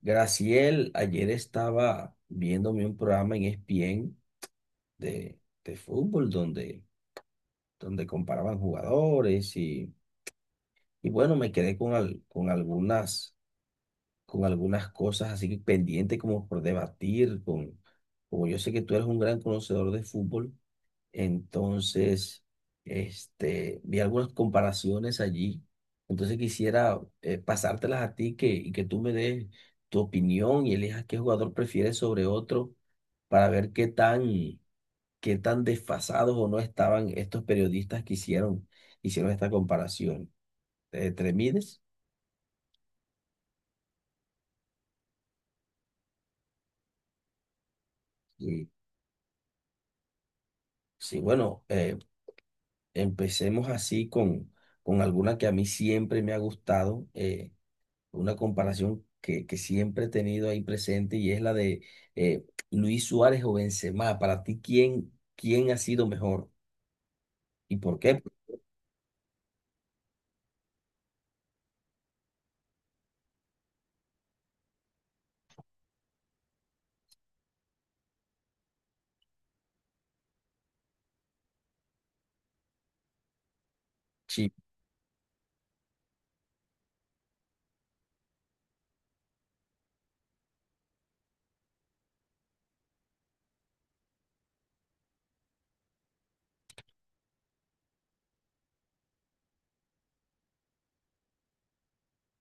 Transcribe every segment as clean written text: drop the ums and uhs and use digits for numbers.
Graciel, ayer estaba viéndome un programa en ESPN de fútbol donde comparaban jugadores y bueno, me quedé con algunas cosas así pendientes como por debatir como yo sé que tú eres un gran conocedor de fútbol. Entonces, Vi algunas comparaciones allí. Entonces quisiera pasártelas a ti y que tú me des tu opinión y elijas qué jugador prefieres sobre otro para ver qué tan desfasados o no estaban estos periodistas que hicieron esta comparación. ¿Te mides? Sí, sí, bueno, empecemos así con alguna que a mí siempre me ha gustado. Una comparación que siempre he tenido ahí presente y es la de eh, Luis Suárez o Benzema. Para ti, ¿quién ha sido mejor? ¿Y por qué? Sí,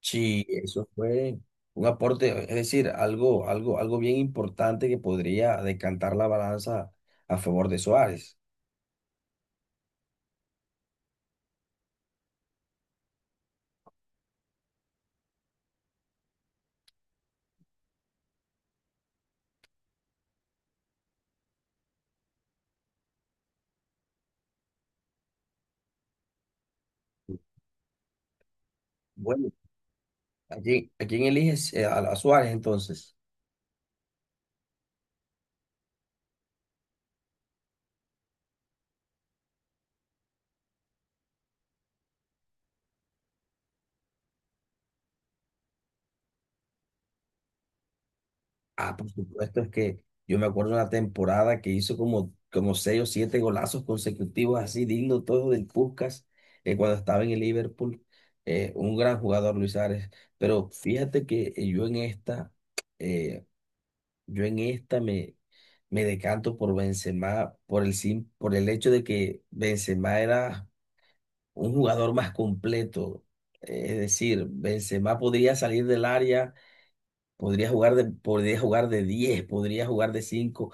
sí, eso fue un aporte, es decir, algo bien importante que podría decantar la balanza a favor de Suárez. Bueno, ¿a quién eliges? A Suárez entonces. Ah, por supuesto, es que yo me acuerdo una temporada que hizo como seis o siete golazos consecutivos, así digno todo del Puskás, cuando estaba en el Liverpool. Un gran jugador, Luis Suárez. Pero fíjate que eh, yo en esta me decanto por Benzema, por el hecho de que Benzema era un jugador más completo. Es decir, Benzema podría salir del área. Podría podría jugar de diez, podría jugar de cinco.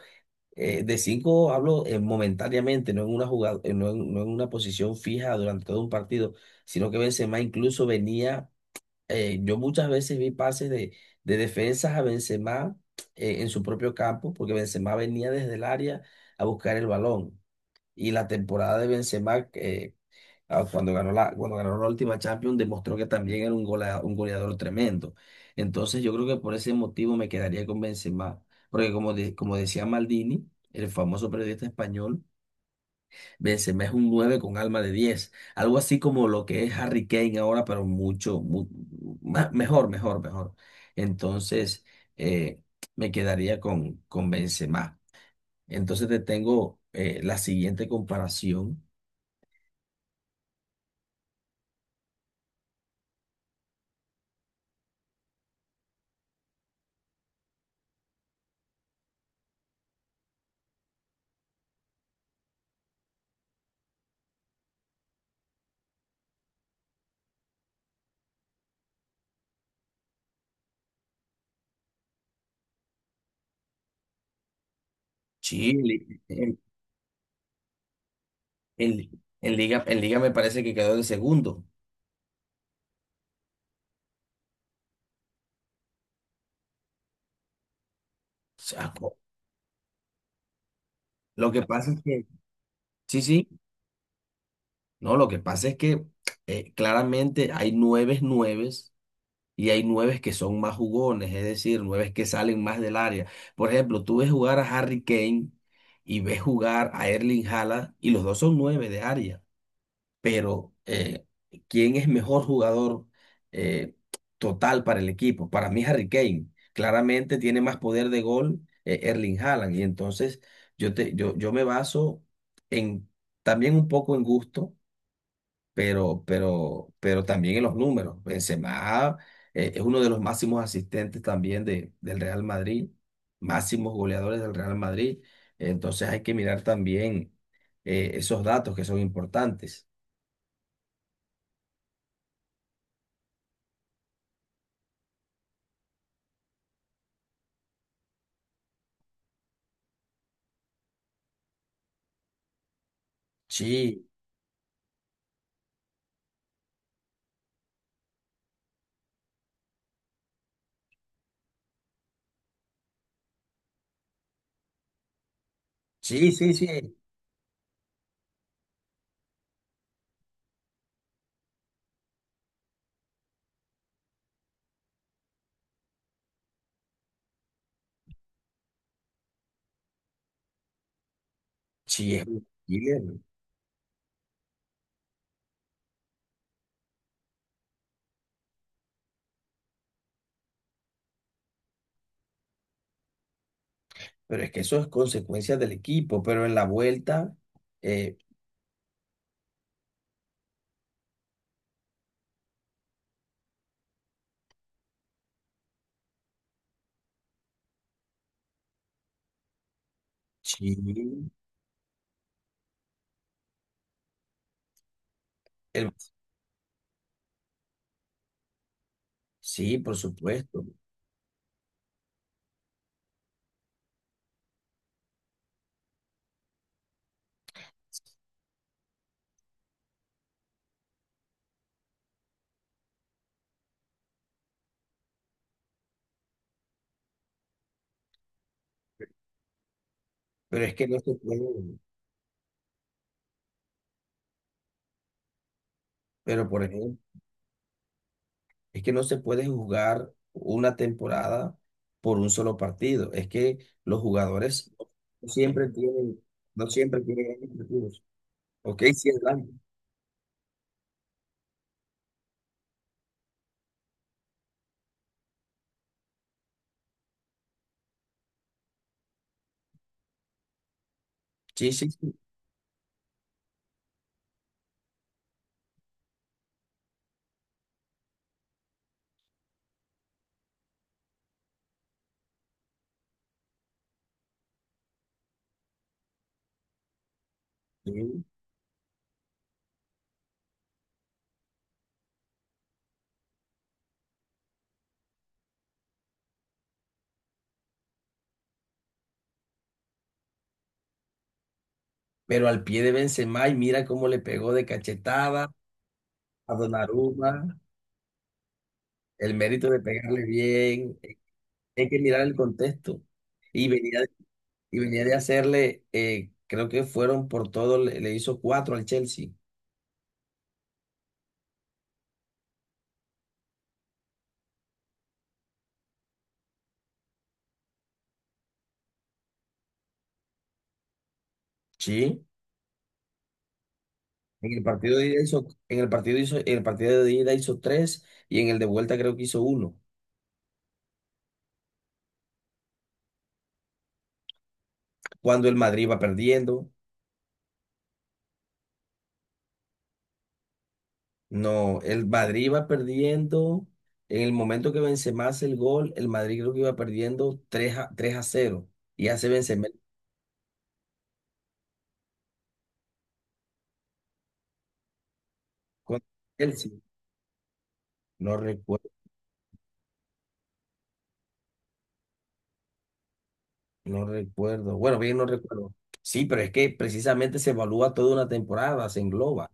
De 5 hablo momentáneamente, no en una jugada, no en una posición fija durante todo un partido, sino que Benzema incluso venía, yo muchas veces vi pases de defensas a Benzema en su propio campo, porque Benzema venía desde el área a buscar el balón. Y la temporada de Benzema, ah, cuando cuando ganó la última Champions demostró que también era un goleador, tremendo. Entonces yo creo que por ese motivo me quedaría con Benzema. Porque como decía Maldini, el famoso periodista español, Benzema es un 9 con alma de diez. Algo así como lo que es Harry Kane ahora, pero mucho, mejor, mejor, mejor. Entonces eh, me quedaría con Benzema. Entonces te tengo la siguiente comparación. Sí, en, li- en liga me parece que quedó de segundo. O sea, lo que pasa es que, sí, sí, no, lo que pasa es que claramente hay nueves nueves y hay nueves que son más jugones, es decir, nueves que salen más del área. Por ejemplo, tú ves jugar a Harry Kane y ves jugar a Erling Haaland y los dos son nueve de área. Pero ¿quién es mejor jugador eh, total para el equipo? Para mí Harry Kane. Claramente tiene más poder de gol Erling Haaland. Y entonces yo me baso en también un poco en gusto, pero también en los números. Benzema es uno de los máximos asistentes también del Real Madrid, máximos goleadores del Real Madrid. Entonces hay que mirar también esos datos que son importantes. Sí, sí, sí, sí, sí, es bien, pero es que eso es consecuencia del equipo, pero en la vuelta, eh, sí, el- sí, por supuesto, pero es que no se puede, pero por ejemplo, es que no se puede jugar una temporada por un solo partido, es que los jugadores no siempre tienen, no siempre tienen objetivos. Ok, sí, es blanco. Sí, sí, sí, sí, pero al pie de Benzema y mira cómo le pegó de cachetada a Donnarumma. El mérito de pegarle bien, hay que mirar el contexto. Y venía, y venía de hacerle, creo que fueron por todo, le hizo cuatro al Chelsea. Sí. En el partido de ida hizo tres y en el de vuelta creo que hizo uno. Cuando el Madrid va perdiendo, no, el Madrid va perdiendo. En el momento que Benzema hace el gol, el Madrid creo que iba perdiendo tres a cero. Y hace Benzema con Chelsea. No recuerdo. No recuerdo. Bueno, bien, no recuerdo. Sí, pero es que precisamente se evalúa toda una temporada, se engloba.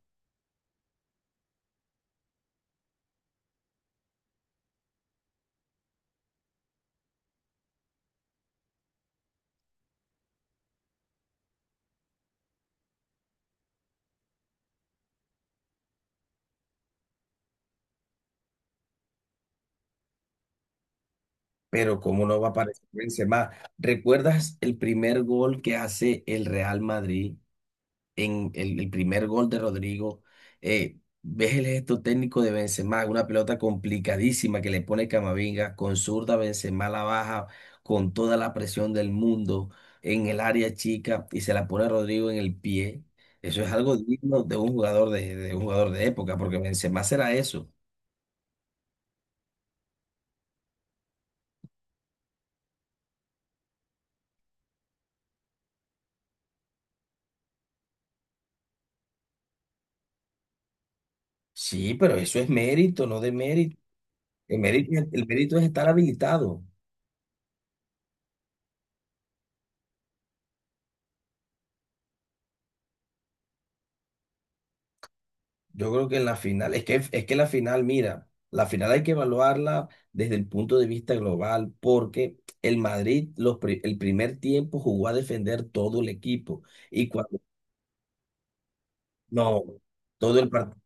Pero cómo no va a aparecer Benzema. ¿Recuerdas el primer gol que hace el Real Madrid? En el primer gol de Rodrigo, ves el gesto técnico de Benzema, una pelota complicadísima que le pone Camavinga, con zurda Benzema la baja con toda la presión del mundo en el área chica y se la pone a Rodrigo en el pie. Eso es algo digno de un jugador de un jugador de época, porque Benzema será eso. Sí, pero eso es mérito, no de mérito. El mérito, el mérito es estar habilitado. Yo creo que en la final, es que la final, mira, la final hay que evaluarla desde el punto de vista global, porque el Madrid, el primer tiempo jugó a defender todo el equipo y cuando, no, todo el partido.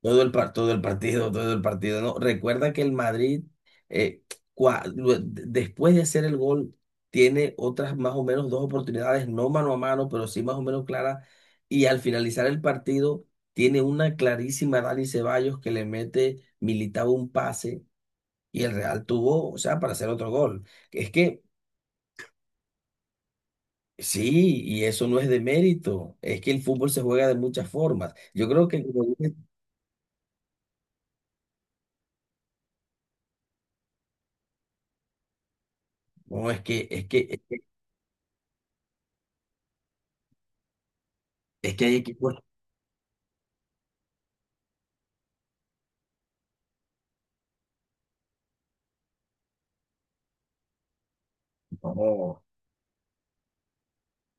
Todo el partido, ¿no? Recuerda que el Madrid, eh, después de hacer el gol, tiene otras más o menos dos oportunidades, no mano a mano, pero sí más o menos claras. Y al finalizar el partido, tiene una clarísima Dani Ceballos que le mete, militaba un pase y el Real tuvo, o sea, para hacer otro gol. Es que sí, y eso no es de mérito, es que el fútbol se juega de muchas formas. Yo creo que, como dices, no, es que hay equipos. No.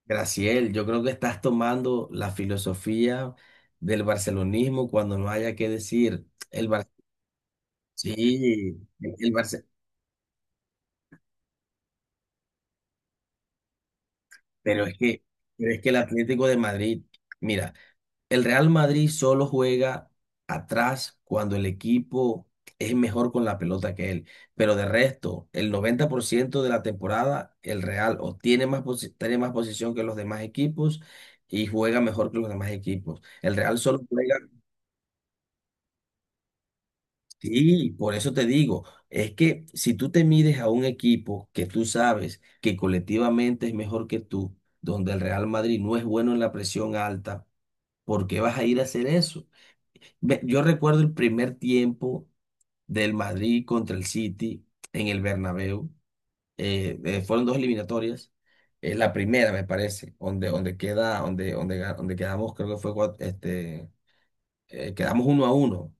Graciel, yo creo que estás tomando la filosofía del barcelonismo cuando no haya que decir el Bar, sí, pero es que, pero es que el Atlético de Madrid, mira, el Real Madrid solo juega atrás cuando el equipo es mejor con la pelota que él, pero de resto, el 90% de la temporada el Real o tiene más posición que los demás equipos y juega mejor que los demás equipos. El Real solo juega. Sí, por eso te digo, es que si tú te mides a un equipo que tú sabes que colectivamente es mejor que tú, donde el Real Madrid no es bueno en la presión alta, ¿por qué vas a ir a hacer eso? Ve, yo recuerdo el primer tiempo del Madrid contra el City en el Bernabéu, fueron dos eliminatorias, la primera me parece, donde, donde queda, donde, donde, ga- donde quedamos, creo que fue, quedamos 1-1.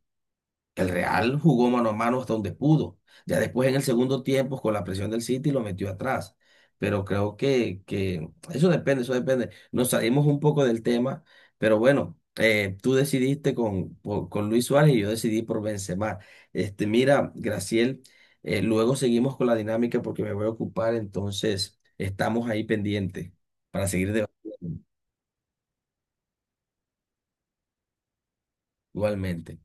El Real jugó mano a mano hasta donde pudo. Ya después en el segundo tiempo, con la presión del City, lo metió atrás. Pero creo que eso depende, eso depende. Nos salimos un poco del tema, pero bueno, tú decidiste con Luis Suárez y yo decidí por Benzema. Mira, Graciel, luego seguimos con la dinámica porque me voy a ocupar, entonces estamos ahí pendientes para seguir debatiendo igualmente.